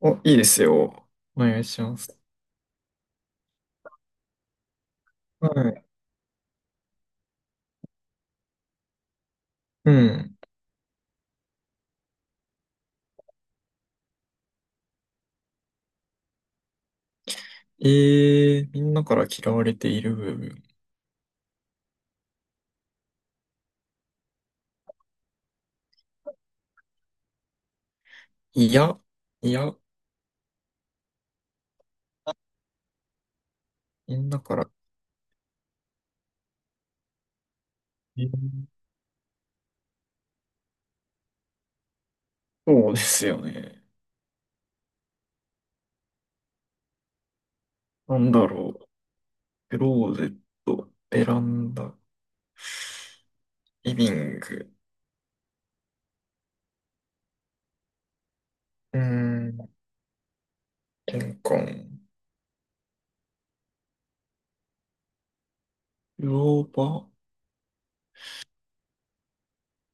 お、いいですよ。お願いします。はい。うん。えみんなから嫌われている部分。いや、いや、みんなから。えーそうですよね。なんだろう。クローゼット、ベランダ、リビング、うーん、玄関、風呂場、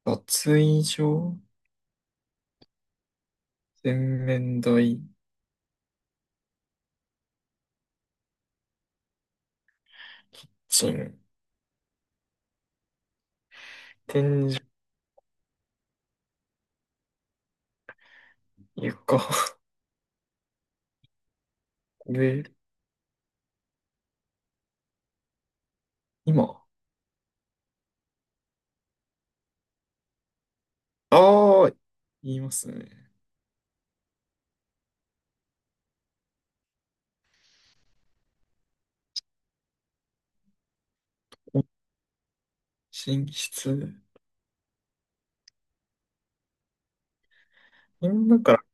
脱衣所、洗面台、キッチン、天井、床、上、今。ああ、言いますね。お寝室。みんなから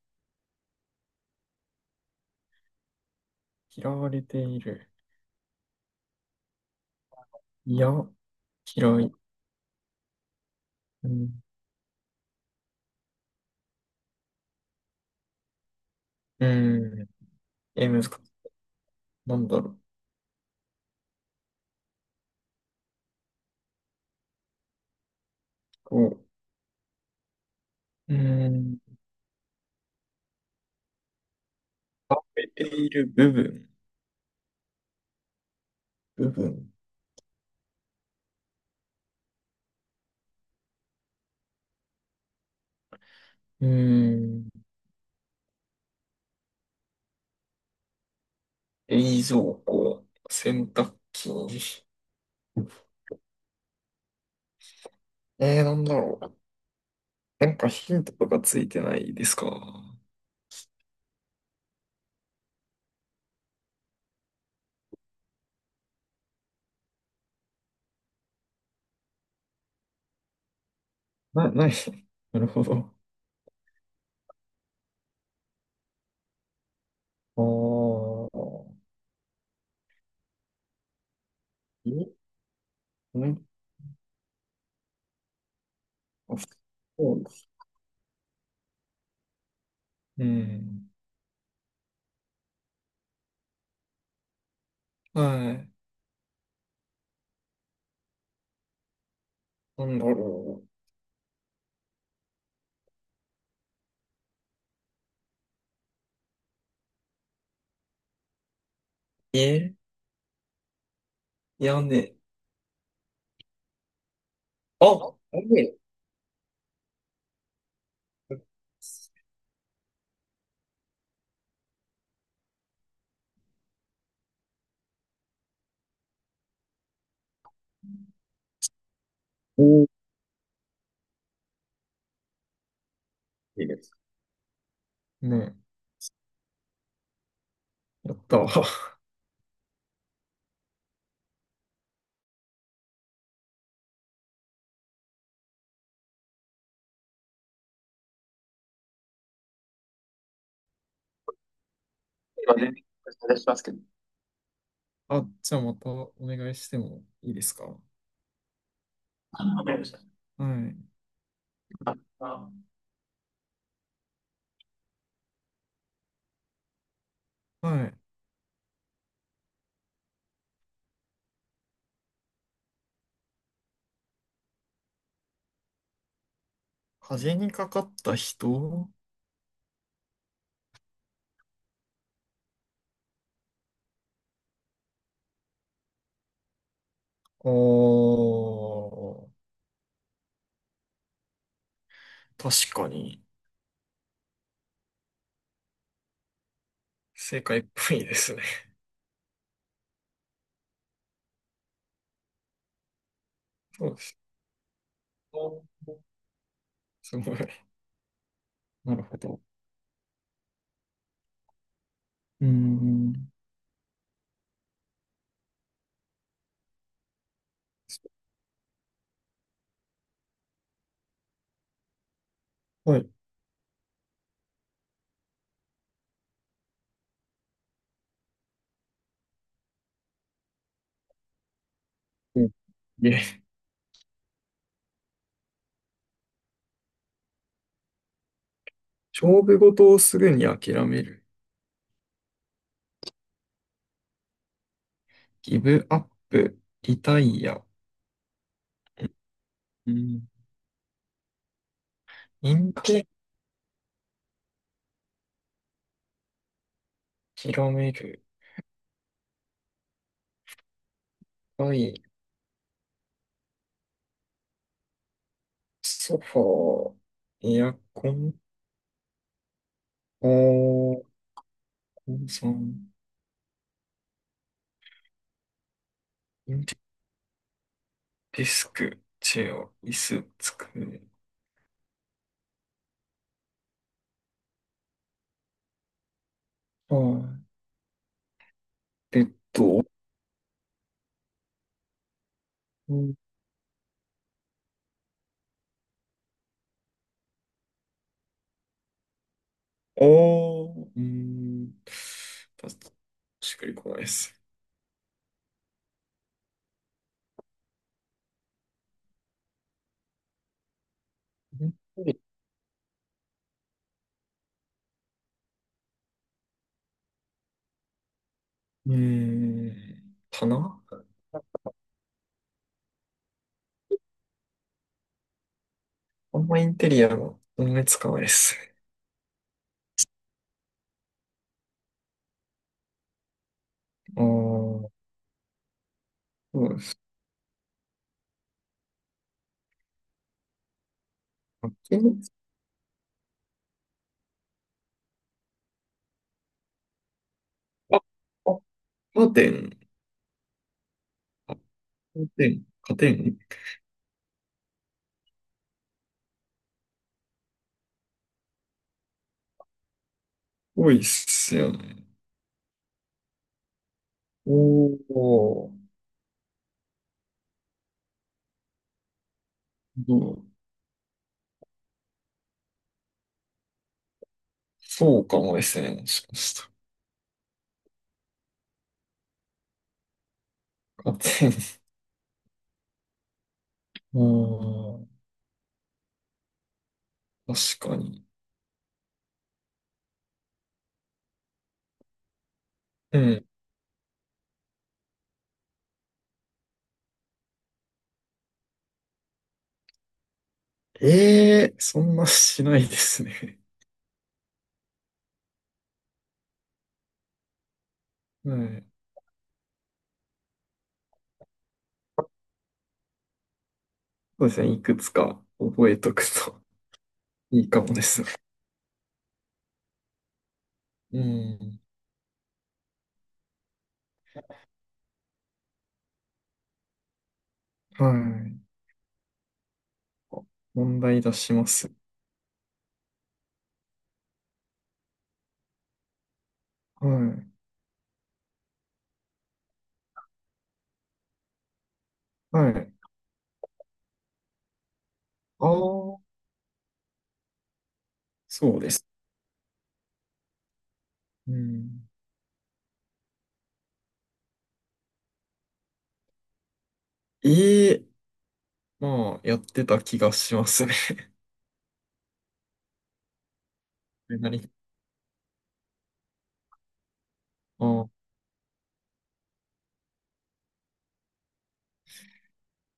嫌われている。いや、嫌い。うん。うん。え、難しい。なんだろう。こう。うん。食べている部分。部分。うん。冷蔵庫。洗濯機。えー、なんだろう。なんかヒントとかついてないですか？な、ない。なるほど。ああ。え、ね。そうです。うん。はい。なんだろう。え、屋根。あ、おいい。おー、いいです。ねえ、やったわ。今全然お願いしますけど。あ、じゃあまたお願いしてもいいですか？あ、わかりました。はい。あ、あ、はい。風にかかった人。あー、確かに。正解っぽいですね。そうです。すごい。なるほど。うーん。はい。うんで、勝負事をすぐに諦める。ギブアップ、リタイア、うん。インテキ広める。はい。ソファー、エアコン、おー、コンソン、インテリデスク、チェア、椅子、机、はい。ベッド、うん、あー、うーん。パス、しっくりこないです。インテリ、うーん、棚、あんまインテリアの思いつかないですね。ああ、そうです。あ、あ、カーテン。加点、加点多いっすよね。おー、どう、そうかもですね。もしかしたら。加点。うーん、確かに。うん。えー、そんなしないですね。はい。そうですね。いくつか覚えとくといいかもですね。うん。はい。問題出します。はい。はい。ああ、そうです。うん。ええまあ、やってた気がしますね。何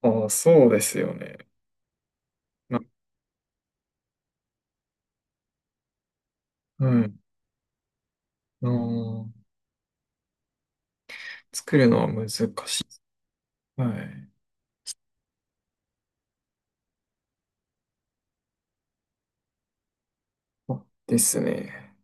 ああ、そうですよね。な、うん。ああ、作るのは難しい。はい。あですね。